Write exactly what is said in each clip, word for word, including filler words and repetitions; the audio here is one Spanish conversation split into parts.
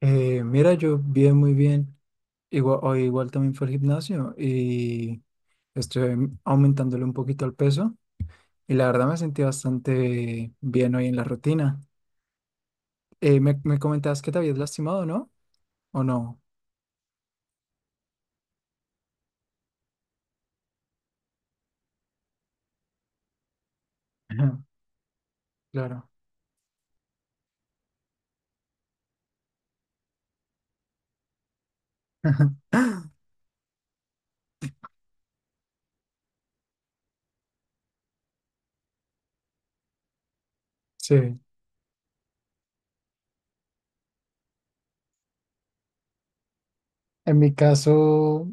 Eh, mira, yo bien, muy bien. Igual, hoy igual también fue al gimnasio y estoy aumentándole un poquito el peso y la verdad me sentí bastante bien hoy en la rutina. Eh, me, me comentabas que te habías lastimado, ¿no? ¿O no? Ajá. Claro. Sí. En mi caso,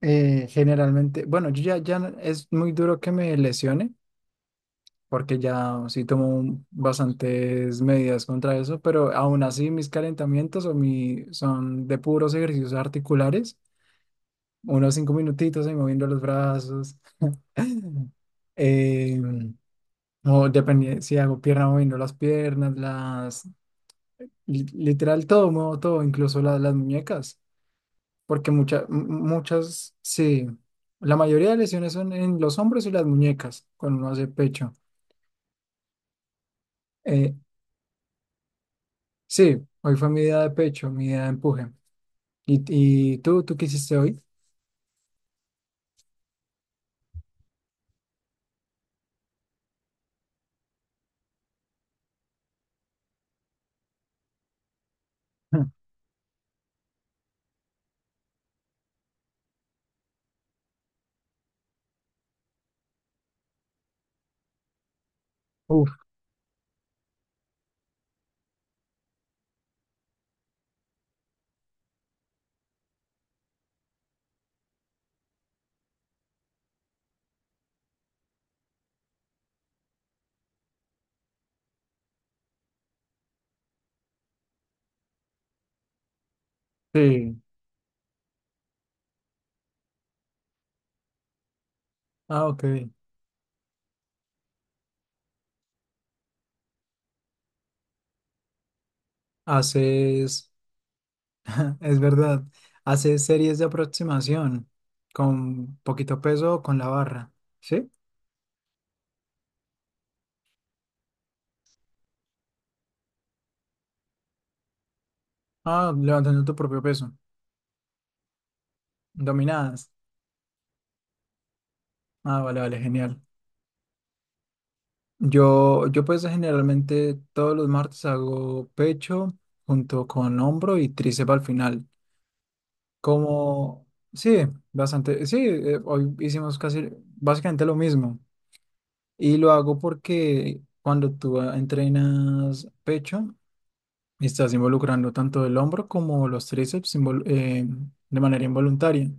eh, generalmente, bueno, yo ya, ya es muy duro que me lesione, porque ya sí tomo bastantes medidas contra eso, pero aún así mis calentamientos o mi, son de puros ejercicios articulares, unos cinco minutitos ahí moviendo los brazos, eh, o depende si hago pierna moviendo las piernas, las, li- literal todo, muevo todo, incluso la- las muñecas, porque muchas, muchas, sí, la mayoría de lesiones son en los hombros y las muñecas, cuando uno hace pecho. eh, Sí, hoy fue mi día de pecho, mi día de empuje. ¿Y, y tú, tú qué hiciste hoy? Uf, sí. Ah, ok. Haces, es verdad, haces series de aproximación con poquito peso o con la barra, ¿sí? Ah, levantando tu propio peso, dominadas. Ah, vale, vale, genial. Yo, yo pues generalmente todos los martes hago pecho junto con hombro y tríceps al final. Como, sí, bastante, sí, eh, hoy hicimos casi básicamente lo mismo. Y lo hago porque cuando tú ah, entrenas pecho, estás involucrando tanto el hombro como los tríceps invol- eh, de manera involuntaria.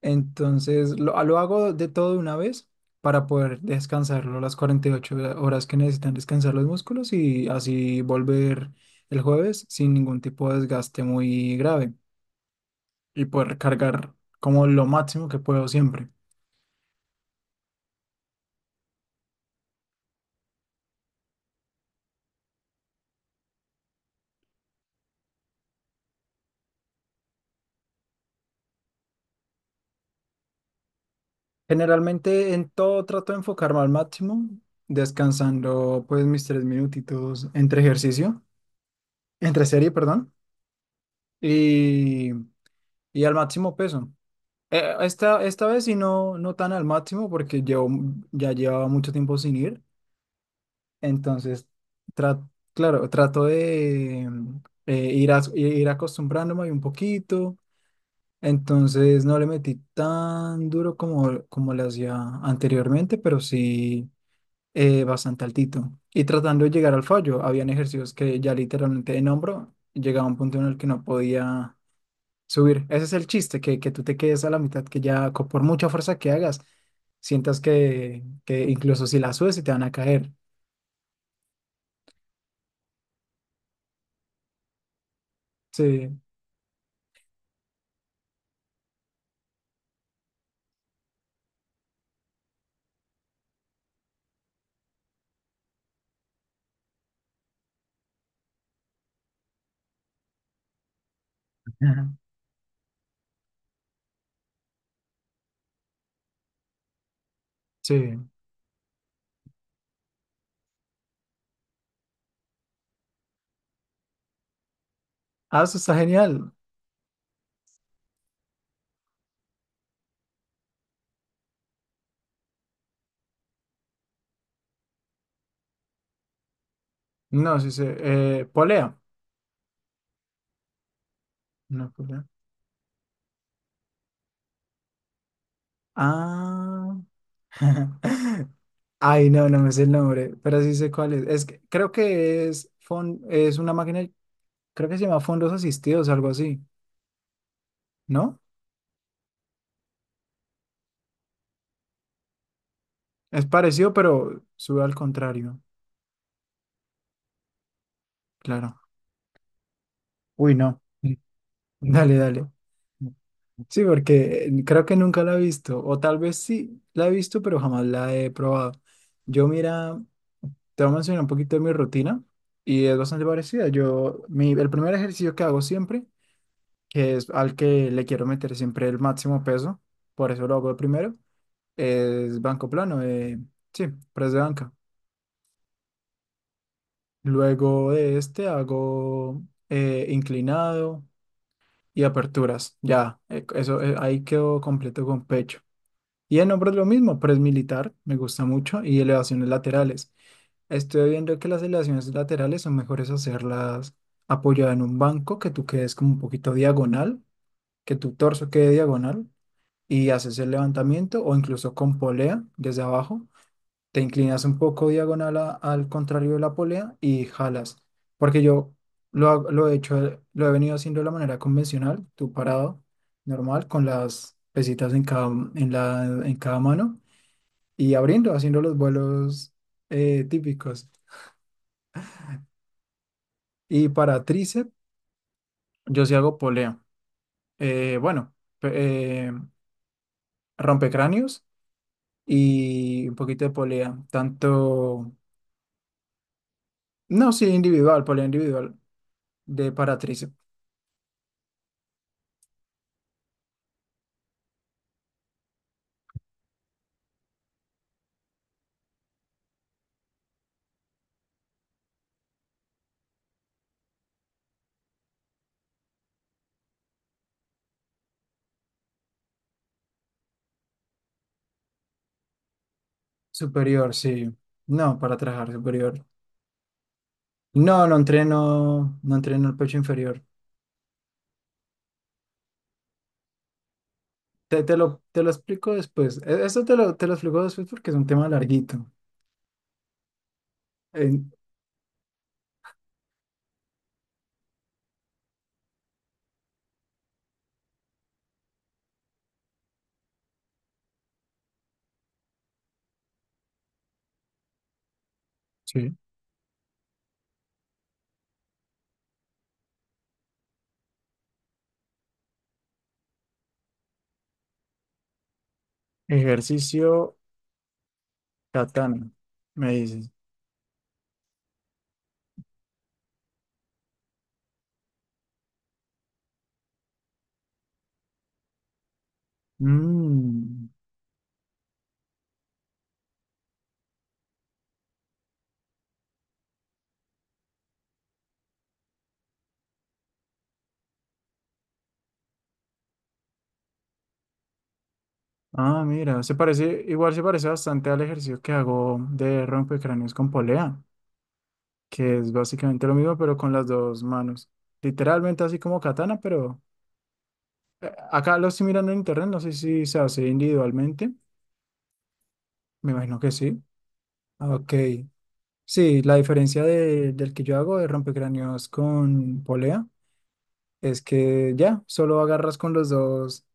Entonces, lo, ah, lo hago de todo de una vez para poder descansarlo las cuarenta y ocho horas que necesitan descansar los músculos y así volver el jueves sin ningún tipo de desgaste muy grave, y poder cargar como lo máximo que puedo siempre. Generalmente en todo trato de enfocarme al máximo, descansando pues mis tres minutitos entre ejercicio, entre serie, perdón, y, y al máximo peso. Eh, esta, esta vez sí no, no tan al máximo porque llevo, ya llevaba mucho tiempo sin ir, entonces tra- claro, trato de eh, ir, as- ir acostumbrándome un poquito. Entonces no le metí tan duro como, como le hacía anteriormente, pero sí eh, bastante altito. Y tratando de llegar al fallo, habían ejercicios que ya literalmente en hombro llegaba a un punto en el que no podía subir. Ese es el chiste, que, que tú te quedes a la mitad, que ya co- por mucha fuerza que hagas, sientas que, que incluso si la subes se te van a caer. Sí. Ajá. Sí. Ah, eso está genial. No, sí, sí. Eh, polea. No, polea. Ah. Ay, no, no me sé el nombre, pero sí sé cuál es. Es que creo que es, fon- es una máquina, creo que se llama fondos asistidos, algo así, ¿no? Es parecido, pero sube al contrario, claro. Uy, no. Mm. Dale, dale. Sí, porque eh, creo que nunca la he visto, o tal vez sí la he visto, pero jamás la he probado. Yo, mira, te voy a mencionar un poquito de mi rutina y es bastante parecida. Yo, mi, el primer ejercicio que hago siempre, que es al que le quiero meter siempre el máximo peso, por eso lo hago de primero, es banco plano, eh, sí, press de banca. Luego de este hago eh, inclinado y aperturas, ya, eh, eso eh, ahí quedo completo con pecho. Y en hombros lo mismo, press militar, me gusta mucho, y elevaciones laterales. Estoy viendo que las elevaciones laterales son mejores hacerlas apoyada en un banco, que tú quedes como un poquito diagonal, que tu torso quede diagonal y haces el levantamiento o incluso con polea desde abajo. Te inclinas un poco diagonal a- al contrario de la polea y jalas. Porque yo lo, hago- lo he hecho, lo he venido haciendo de la manera convencional, tú parado, normal, con las pesitas en cada, en la, en cada mano y abriendo, haciendo los vuelos eh, típicos. Y para tríceps, yo sí hago polea. Eh, bueno, pe- eh, Rompecráneos y un poquito de polea, tanto. No, sí, individual, polea individual. De para tríceps superior, sí. No, para trabajar superior. No, no entreno, no entreno el pecho inferior. Te, te lo, te lo explico después. E- Eso te lo, te lo explico después porque es un tema larguito. En- sí. Ejercicio katana, me dices. Mm. Ah, mira, se parece, igual se parece bastante al ejercicio que hago de rompecráneos con polea, que es básicamente lo mismo, pero con las dos manos. Literalmente así como katana, pero Eh, acá lo estoy mirando en internet, no sé si se hace individualmente, me imagino que sí. Ah, ok, sí, la diferencia de- del que yo hago de rompecráneos con polea es que ya, solo agarras con los dos,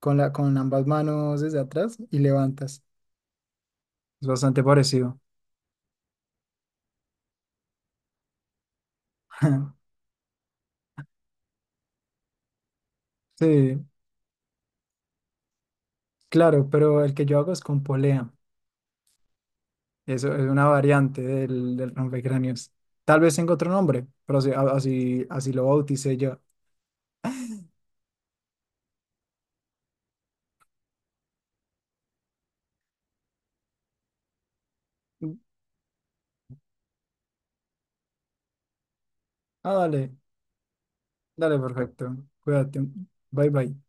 con la, con ambas manos desde atrás y levantas. Es bastante parecido. Sí, claro, pero el que yo hago es con polea. Eso es una variante del, del rompecráneos. Tal vez tenga otro nombre, pero así, a- así, así lo bauticé yo. Mm. Ah, dale. Dale, perfecto. Cuídate. Bye bye.